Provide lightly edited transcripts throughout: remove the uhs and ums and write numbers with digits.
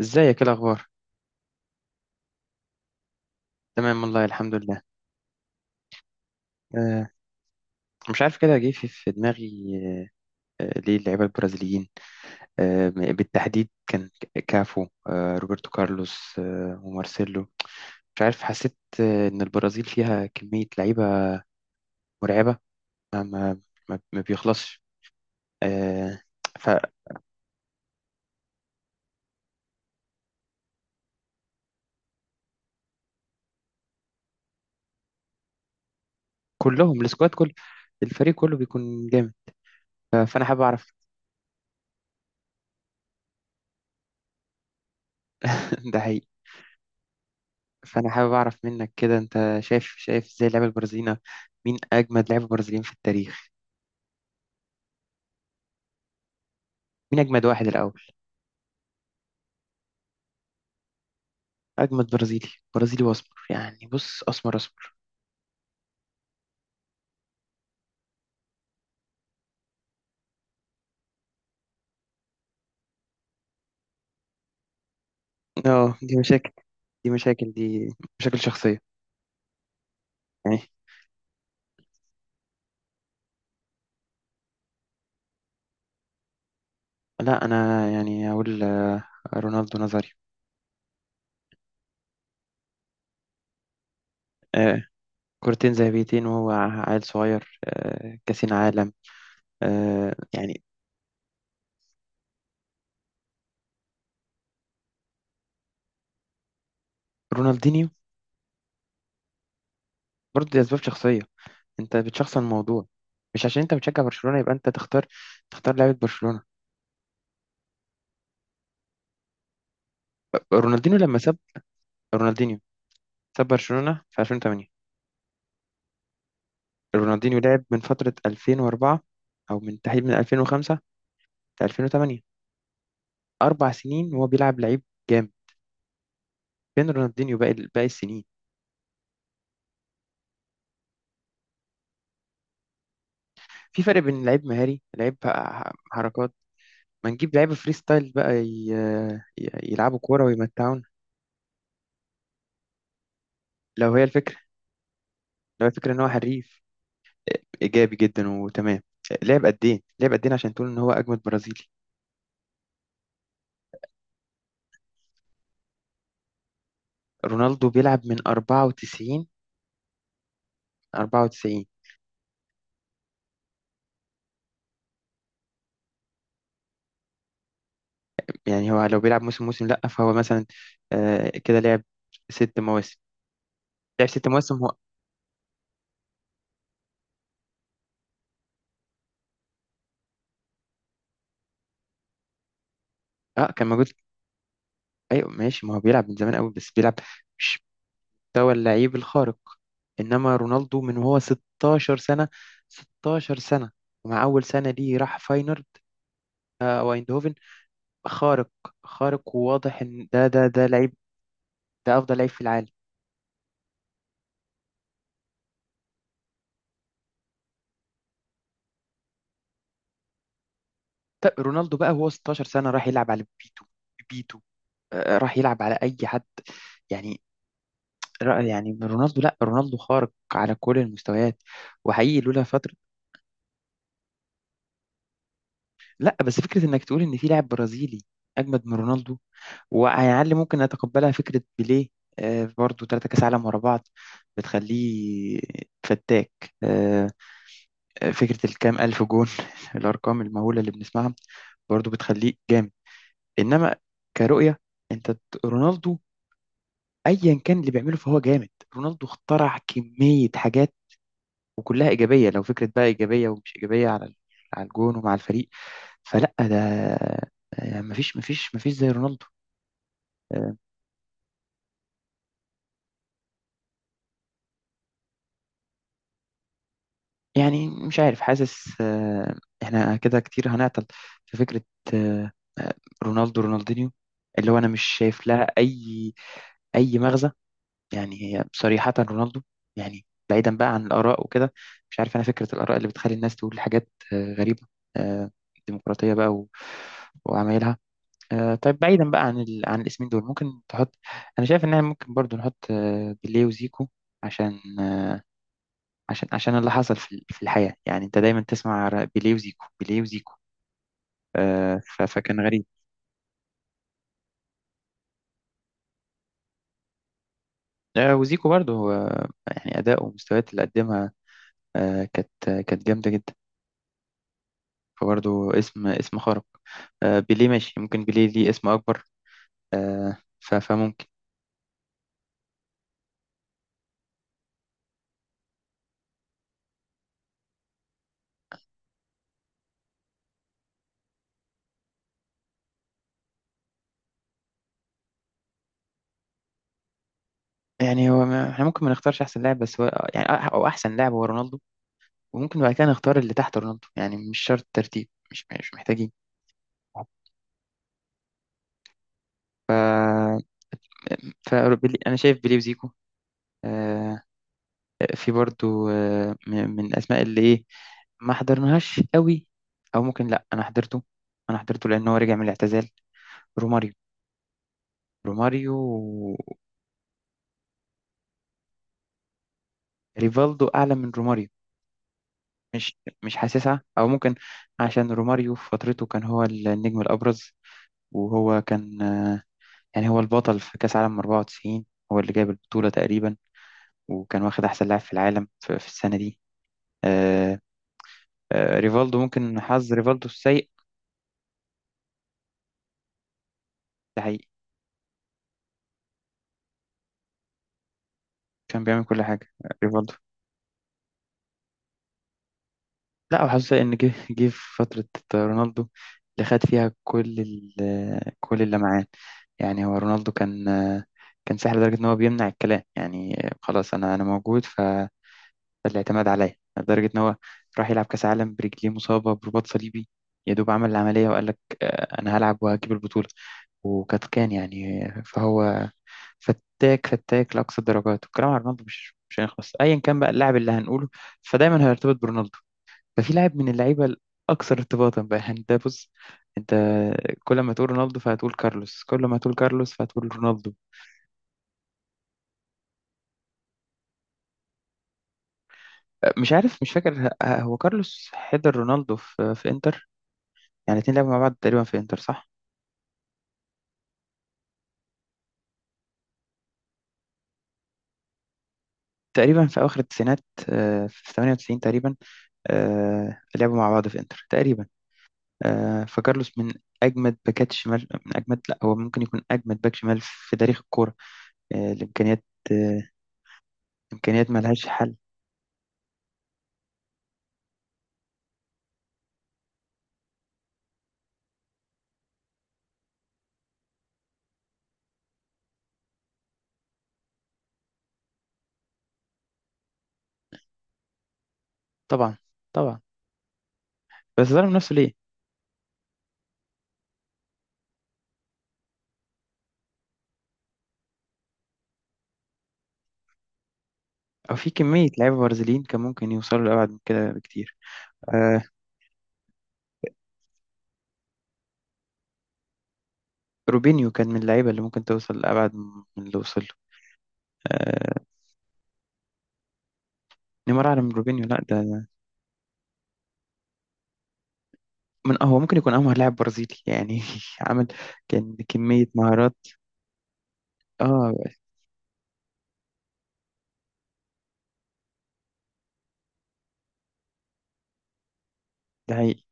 ازيك؟ ايه الاخبار؟ تمام والله، الحمد لله. أه، مش عارف، كده جه في دماغي. ليه اللعيبه البرازيليين بالتحديد؟ كان كافو، روبرتو كارلوس، ومارسيلو. مش عارف، حسيت ان البرازيل فيها كميه لعيبه مرعبه. ما ما ما بيخلصش. أه. فكلهم، السكواد كله، الفريق كله بيكون جامد. فانا حابب اعرف. ده حقيقي. فانا حابب اعرف منك كده، انت شايف ازاي اللعيبه البرازيليين؟ مين اجمد لعيبه برازيليين في التاريخ؟ مين اجمد واحد الاول؟ اجمد برازيلي، برازيلي واسمر يعني، بص، اسمر اسمر. اه، دي مشاكل شخصيه، يعني. لا، انا يعني اقول رونالدو نظري. آه كورتين ذهبيتين وهو عيل صغير، كاسين عالم. يعني. رونالدينيو؟ برضه دي اسباب شخصيه، انت بتشخصن الموضوع. مش عشان انت بتشجع برشلونه يبقى انت تختار، تختار لعيبه برشلونه. رونالدينيو لما ساب، رونالدينيو ساب برشلونه في 2008. رونالدينيو لعب من فترة 2004، أو من تحديد من 2005 ل 2008، 4 سنين وهو بيلعب لعيب جامد. فين رونالدينيو باقي السنين؟ في فرق بين لعيب مهاري، لعيب حركات. ما نجيب لعيبة فري ستايل بقى يلعبوا كورة ويمتعونا. لو هي الفكرة، لو هي الفكرة إن هو حريف، إيجابي جدا وتمام، لعب قد إيه؟ لعب قد إيه عشان تقول إن هو أجمد برازيلي؟ رونالدو بيلعب من 94، 94. يعني هو لو بيلعب موسم موسم لأ، فهو مثلا، كده لعب 6 مواسم. لعب ست مواسم هو. اه، كان موجود. ايوه ماشي، ما هو بيلعب من زمان قوي، بس بيلعب مش مستوى اللعيب الخارق. انما رونالدو من وهو 16 سنة، 16 سنة، ومع اول سنة دي راح فاينورد او ايندهوفن. خارق، خارق وواضح ان ده لعيب، ده افضل لعيب في العالم. طب رونالدو بقى وهو 16 سنة راح يلعب على بيتو، بيتو، راح يلعب على اي حد. يعني يعني رونالدو، لا رونالدو خارق على كل المستويات، وحقيقي لولا فترة. لا، بس فكرة انك تقول ان في لاعب برازيلي اجمد من رونالدو، وعلى الاقل ممكن اتقبلها فكرة بيليه، برضو 3 كاس عالم ورا بعض بتخليه فتاك. آه، فكرة الكام ألف جون الأرقام المهولة اللي بنسمعها برضو بتخليه جامد. إنما كرؤية، أنت رونالدو أيا كان اللي بيعمله فهو جامد. رونالدو اخترع كمية حاجات وكلها ايجابيه، لو فكره بقى ايجابيه ومش ايجابيه على على الجون ومع الفريق. فلا ده، مفيش زي رونالدو. آه، يعني مش عارف، حاسس احنا كده كتير هنعطل في فكره، آه، آه، رونالدو رونالدينيو، اللي هو انا مش شايف لها اي مغزى. يعني هي صريحه رونالدو. يعني بعيدا بقى عن الاراء وكده، مش عارف، انا فكره الاراء اللي بتخلي الناس تقول حاجات غريبه. آه، ديمقراطيه بقى وعمايلها. طيب، بعيدا بقى عن عن الاسمين دول ممكن تحط، انا شايف ان احنا ممكن برضو نحط بيليه وزيكو، عشان عشان اللي حصل في في الحياة، يعني انت دايما تسمع بيليه وزيكو، بيليه وزيكو. فكان غريب. وزيكو برضو، يعني اداء ومستويات اللي قدمها كانت، كانت جامدة جدا. فبرضو اسم خارق. بيليه ماشي، ممكن بيليه ليه اسم اكبر. فممكن. يعني هو ما... احنا ممكن ما نختارش احسن لاعب، بس هو يعني او احسن لاعب هو رونالدو، وممكن بعد كده نختار اللي تحت رونالدو، يعني مش شرط ترتيب، مش محتاجين. ف... ف انا شايف بيليه وزيكو، آه، في برضو من الاسماء اللي ايه، ما حضرناهاش قوي، او ممكن لا انا حضرته، انا حضرته لان هو رجع من الاعتزال. روماريو، روماريو ريفالدو اعلى من روماريو، مش حاسسها، او ممكن عشان روماريو في فترته كان هو النجم الابرز، وهو كان يعني هو البطل في كاس عالم 94، هو اللي جايب البطولة تقريبا، وكان واخد أحسن لاعب في العالم في السنة دي. آه. آه، ريفالدو ممكن حظ ريفالدو السيء. ده حقيقي. كان بيعمل كل حاجة ريفالدو. لا، وحظه سيء إن جه في فترة رونالدو، اللي خد فيها كل كل اللمعان. يعني هو رونالدو كان، كان ساحر لدرجة إن هو بيمنع الكلام، يعني خلاص، أنا موجود. فالاعتماد عليا لدرجة إن هو راح يلعب كأس عالم برجليه مصابة برباط صليبي. يا دوب عمل العملية وقال لك أنا هلعب وهجيب البطولة. وكانت، كان يعني، فهو فتاك، فتاك لأقصى الدرجات. والكلام على رونالدو مش هيخلص، أيا كان بقى اللاعب اللي هنقوله فدايما هيرتبط برونالدو. ففي لاعب من اللعيبة الأكثر ارتباطا بقى، يعني ده، بص، أنت كل ما تقول رونالدو فهتقول كارلوس، كل ما تقول كارلوس فهتقول رونالدو. مش عارف، مش فاكر هو كارلوس حضر رونالدو في إنتر؟ يعني الاتنين لعبوا مع بعض تقريبا في إنتر، صح؟ تقريبا في أواخر التسعينات، في 98 تقريبا، لعبوا مع بعض في إنتر تقريبا. فكارلوس من اجمد باكات الشمال، من اجمد، لا، هو ممكن يكون اجمد باك شمال في تاريخ الكوره. الامكانيات، آه، امكانيات ملهاش حل. طبعا، طبعا. بس ظلم نفسه ليه؟ او في كميه لعيبه برازيليين كان ممكن يوصلوا لابعد من كده بكتير. آه، روبينيو كان من اللعيبه اللي ممكن توصل لابعد من اللي وصل له. آه، نيمار اعلى من روبينيو، لا، ده من هو ممكن يكون امهر لاعب برازيلي يعني. عمل، كان كميه مهارات. اه. ده حقيقي.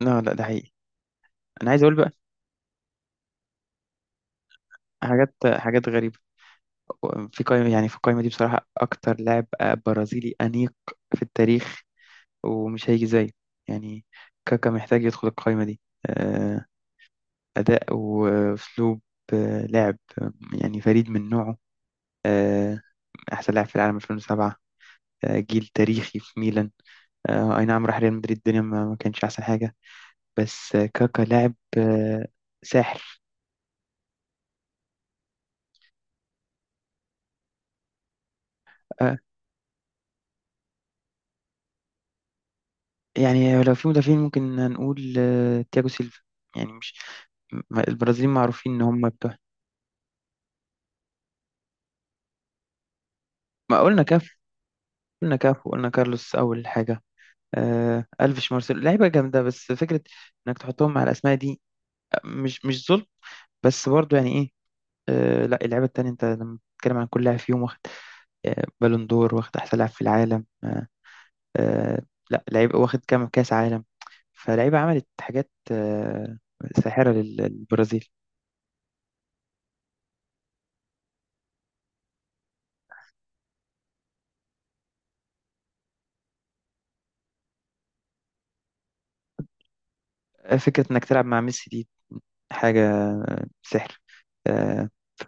لا، لا، ده حقيقي. انا عايز اقول بقى، حاجات غريبه. في قائمة، يعني في القائمة دي بصراحة أكتر لاعب برازيلي أنيق في التاريخ ومش هيجي زيه، يعني كاكا محتاج يدخل القائمة دي. آه، أداء وأسلوب، لعب يعني فريد من نوعه. آه، أحسن لاعب في العالم 2007، جيل تاريخي في ميلان. أي نعم، راح ريال مدريد، الدنيا ما كانش أحسن حاجة. بس كاكا لاعب ساحر. آه، يعني لو في مدافعين ممكن هنقول تياجو سيلفا، يعني مش، البرازيليين معروفين إن هم بتوع. ما قلنا كاف، قلنا كاف وقلنا كارلوس أول حاجة. آه، ألفيش، مارسيلو، لعيبة جامدة، بس فكرة إنك تحطهم مع الأسماء دي، مش ظلم، بس برضو يعني إيه. آه، لا، اللعيبة التانية أنت لما بتتكلم عن كل لاعب فيهم واخد آه بالون دور، واخد أحسن لاعب في العالم، آه، آه، لا، لعيب واخد كام كأس عالم؟ فلعيبة عملت حاجات آه ساحرة للبرازيل. فكرة إنك تلعب مع ميسي دي حاجة، سحر. آه، ف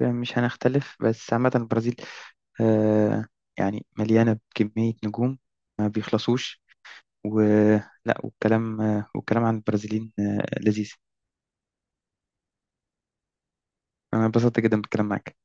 مش هنختلف، بس عامة البرازيل آه، يعني مليانة بكمية نجوم ما بيخلصوش، ولا، والكلام والكلام عن البرازيليين لذيذ. أنا انبسطت جدا بالكلام معاك.